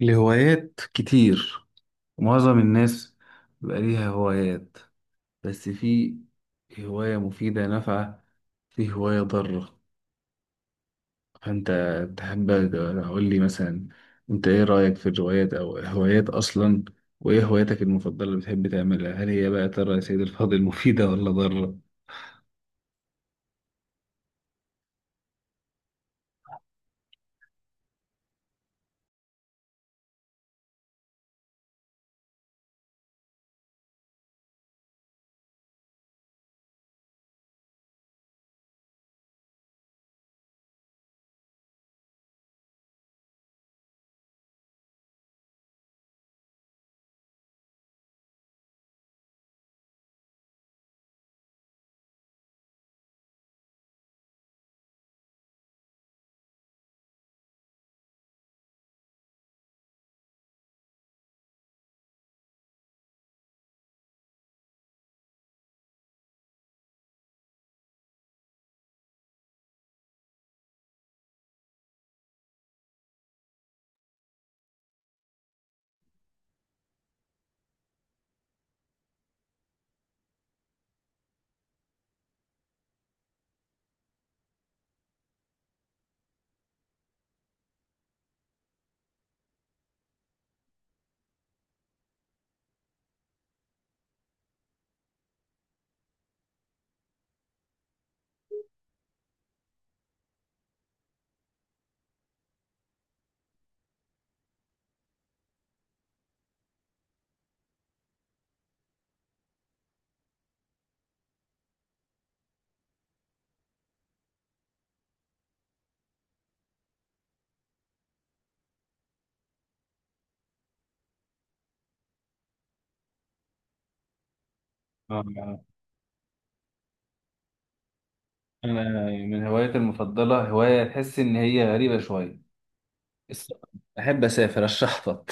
لهوايات كتير، معظم الناس بيبقى ليها هوايات، بس في هواية مفيدة نافعة، في هواية ضارة. فأنت تحب، أقول لي مثلا، أنت إيه رأيك في الروايات أو هوايات أصلا؟ وإيه هواياتك المفضلة اللي بتحب تعملها، هل هي بقى ترى يا سيد الفاضل مفيدة ولا ضارة؟ آه، أنا من هوايتي المفضلة هواية تحس إن هي غريبة شوية، السفر. أحب أسافر أشحطط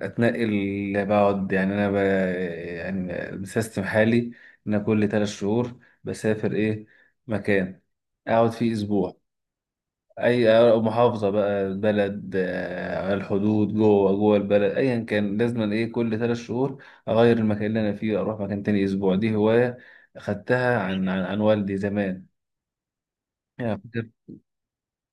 اتنقل، بقعد يعني يعني بسيستم حالي، ان أنا كل 3 شهور بسافر ايه مكان اقعد فيه اسبوع. اي محافظه بقى بلد على الحدود جوه جوه البلد ايا كان، لازم ايه كل 3 شهور اغير المكان اللي انا فيه، اروح مكان تاني اسبوع. دي هوايه اخدتها عن والدي زمان. يعني فاكر-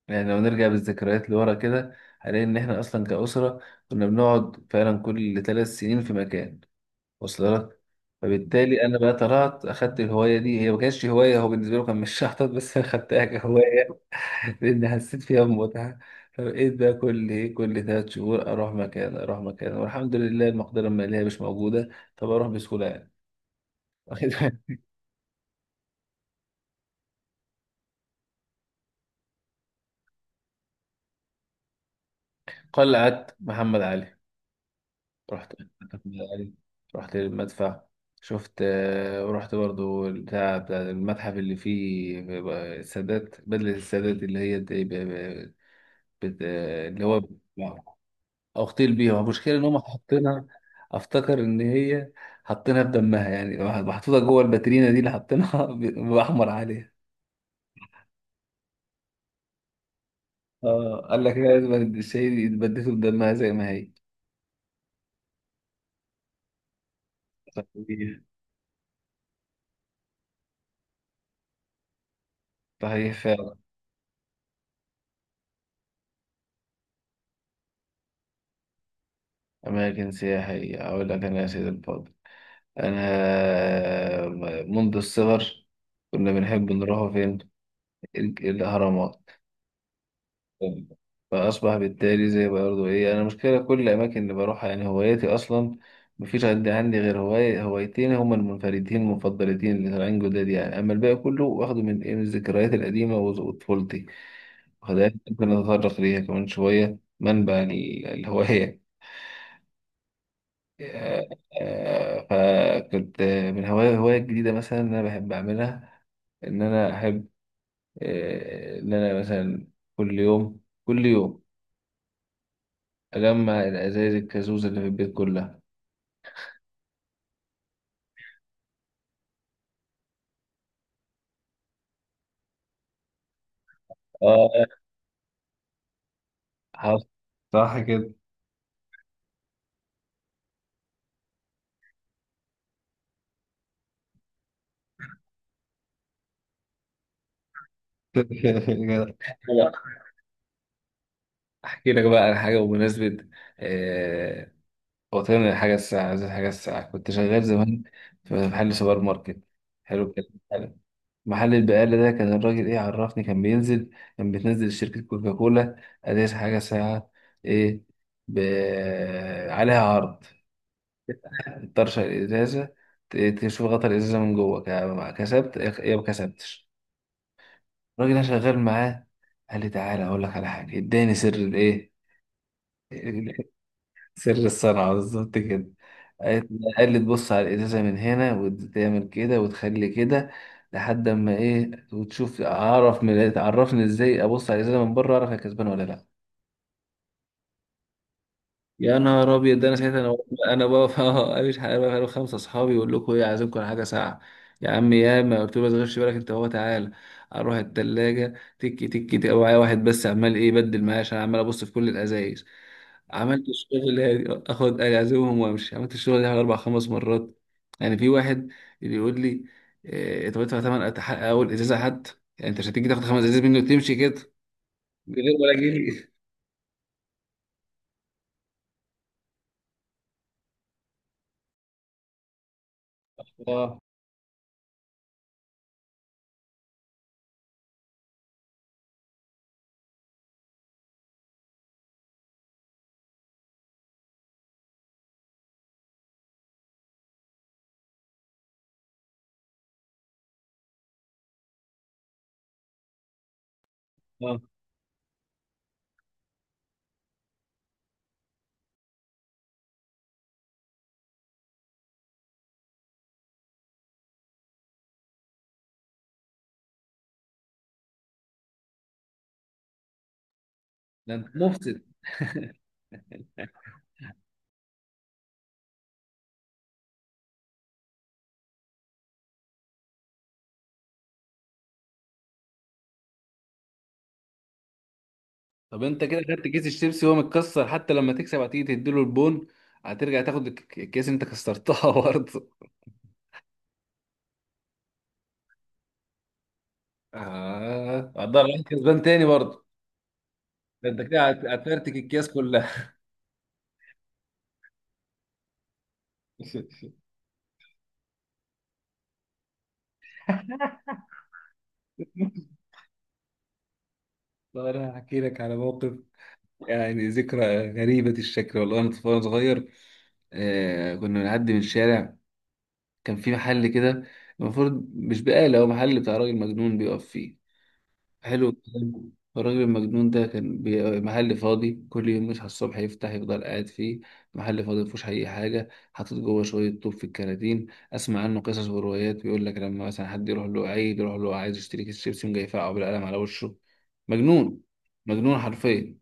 يعني لو نرجع بالذكريات لورا كده، هنلاقي ان احنا اصلا كاسره، كنا بنقعد فعلا كل 3 سنين في مكان، وصل لك. فبالتالي انا بقى طلعت اخدت الهوايه دي، هي ما كانتش هوايه، هو بالنسبه له كان مش شحطط بس انا خدتها كهوايه لان حسيت فيها بمتعه. فبقيت بقى كل ايه كل 3 شهور اروح مكان اروح مكان، والحمد لله المقدره الماليه مش موجوده، طب اروح بسهوله يعني. واخد بالك؟ قلعه محمد علي رحت، محمد علي رحت للمدفع، شفت ورحت برضو بتاع المتحف اللي فيه السادات، بدلة السادات اللي هي بت... اللي هو اغتيل بيها. المشكله ان هم حاطينها، افتكر ان هي حاطينها بدمها، يعني محطوطه جوه الباترينا دي اللي حاطينها باحمر عليها. اه قال لك لا، لازم الشهيد يتبدلوا بدمها زي ما هي. صحيح. صحيح فعلا. أماكن سياحية أقول لك أنا يا سيدي الفاضل، أنا منذ الصغر كنا بنحب نروح فين؟ الأهرامات. فأصبح بالتالي زي برضه إيه، أنا المشكلة كل الأماكن اللي بروحها، يعني هواياتي أصلا مفيش عندي، غير هواية هوايتين، هما المنفردين المفضلتين اللي طالعين جداد يعني. أما الباقي كله واخده من إيه من الذكريات القديمة وطفولتي، وخلاها ممكن أتطرق ليها كمان شوية منبع الهواية. آه، آه، فكنت، من هواية جديدة مثلا أنا بحب أعملها، إن أنا أحب إن أنا مثلا كل يوم كل يوم أجمع الأزايز الكازوزة اللي في البيت كلها. اه حصل. صح كده. كده. أحكي لك بقى على حاجة بمناسبة، آه، وطن الحاجة الساعة زي الحاجة الساعة كنت شغال زمان في محل سوبر ماركت. حلو الكلام حلو. محل البقالة ده كان الراجل إيه عرفني كان بينزل، كان بتنزل شركة كوكاكولا أزايز حاجة ساعة إيه ب... عليها عرض. تطرشق الإزازة، تشوف غطا الإزازة من جوه، كسبت يا ما كسبتش. الراجل ده شغال معاه، قال لي تعالى اقول لك على حاجه، اداني سر الايه سر الصنعه بالظبط كده. قالت- قال لي تبص على الازازه من هنا وتعمل كده وتخلي كده، لحد اما ايه وتشوف، اعرف من، تعرفني ازاي ابص على الازازه من بره اعرف هي كسبانه ولا لا. يا نهار ابيض، ده انا ساعتها انا بقف اه مش حق- انا بقف انا وخمسه اصحابي، يقول لكم ايه عايزينكم على حاجه ساعه. يا عم، يا ما قلت له ما تغيرش بالك انت، هو تعالى اروح الثلاجه تك تك تك، معايا واحد بس عمال ايه بدل معايا عشان عمال ابص في كل الازايز. عملت الشغل هادي، اخد اعزمهم وامشي، عملت الشغل ده حوالي 4 أو 5 مرات. يعني في واحد اللي يقول لي إيه، طب ادفع ثمن اول ازازه حد، يعني انت مش هتيجي تاخد 5 ازايز منه وتمشي كده من غير ولا جنيه. اه. اه. ده انت مفسد. طب انت كده خدت كيس الشيبسي وهو متكسر، حتى لما تكسب هتيجي تديله البون، هترجع تاخد الكيس اللي انت كسرتها برضه. اه هتضل عليك كسبان تاني برضه. ده انت كده هتفرتك الكيس كلها. طب انا هحكي لك على موقف، يعني ذكرى غريبة الشكل، والله انا طفل وأنا صغير آه كنا بنعدي من الشارع، كان في محل كده المفروض مش بقالة، هو محل بتاع راجل مجنون بيقف فيه. حلو الكلام. الراجل المجنون ده كان محل فاضي، كل يوم يصحى الصبح يفتح يفضل قاعد فيه، محل فاضي مفيهوش أي حاجة، حاطط جوه شوية طوب في الكراتين. أسمع عنه قصص وروايات، بيقول لك لما مثلا حد يروح له عيد يروح له عايز يشتري كيس شيبسي يقوم جاي يفقعه بالقلم على وشه. مجنون. مجنون حرفيا.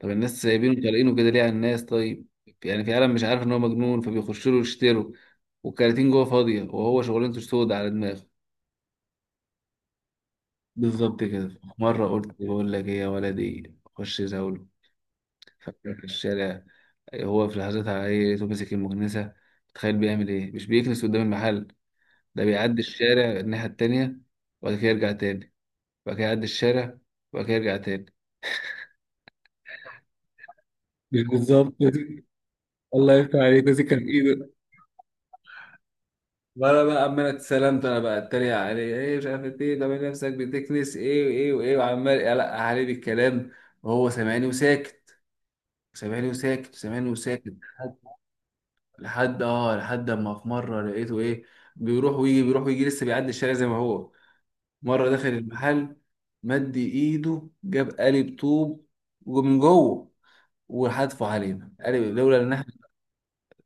طب الناس سايبينه طالقينه كده ليه على الناس؟ طيب يعني في عالم مش عارف إن هو مجنون فبيخش له يشتروا، والكراتين جوه فاضية، وهو شغلانته سود على دماغه. بالظبط كده. في مرة قلت بقول لك ايه يا ولدي، خش زول فجأة في الشارع، هو في لحظات عليه لقيته ماسك المكنسة، تخيل بيعمل ايه، مش بيكنس قدام المحل، ده بيعدي الشارع الناحية التانية، وبعد كده يرجع تاني، وبعد كده يعدي الشارع، وبعد كده يرجع تاني. مش بالظبط، الله يفتح عليك، وزي كان في ايده. وانا بقى عمال اتسلمت، انا بقى اتريق عليه ايه مش عارف ايه، طب نفسك بتكنس ايه وايه وايه، وعمال يقلق عليه بالكلام، وهو سامعني وساكت، سامعني وساكت، سامعني وساكت. لحد اما في مره لقيته ايه، بيروح ويجي بيروح ويجي، لسه بيعدي الشارع زي ما هو. مره دخل المحل، مد ايده جاب قالب طوب ومن جوه وحدفه علينا قالب، لولا ان احنا،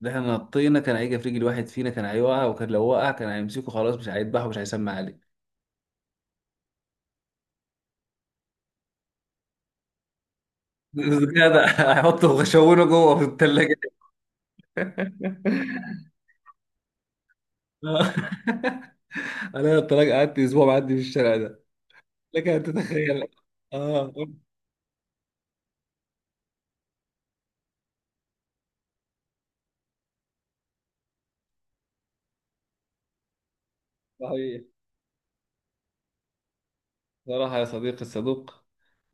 إن احنا نطينا كان هيجي في رجل واحد فينا، كان هيوقع، وكان لو وقع كان هيمسكه خلاص، مش هيذبحه مش هيسمع عليه. كده ده هيحطه وشونه جوه في الثلاجه. آه. انا الطلاق قعدت اسبوع معدي في الشارع ده، لك ان تتخيل. اه صحيح. صراحة يا صديقي الصدوق،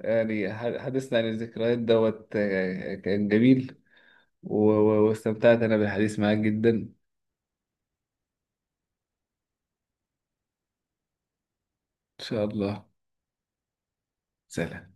يعني حديثنا عن الذكريات دوت كان جميل، واستمتعت أنا بالحديث معاك جدا، إن شاء الله. سلام.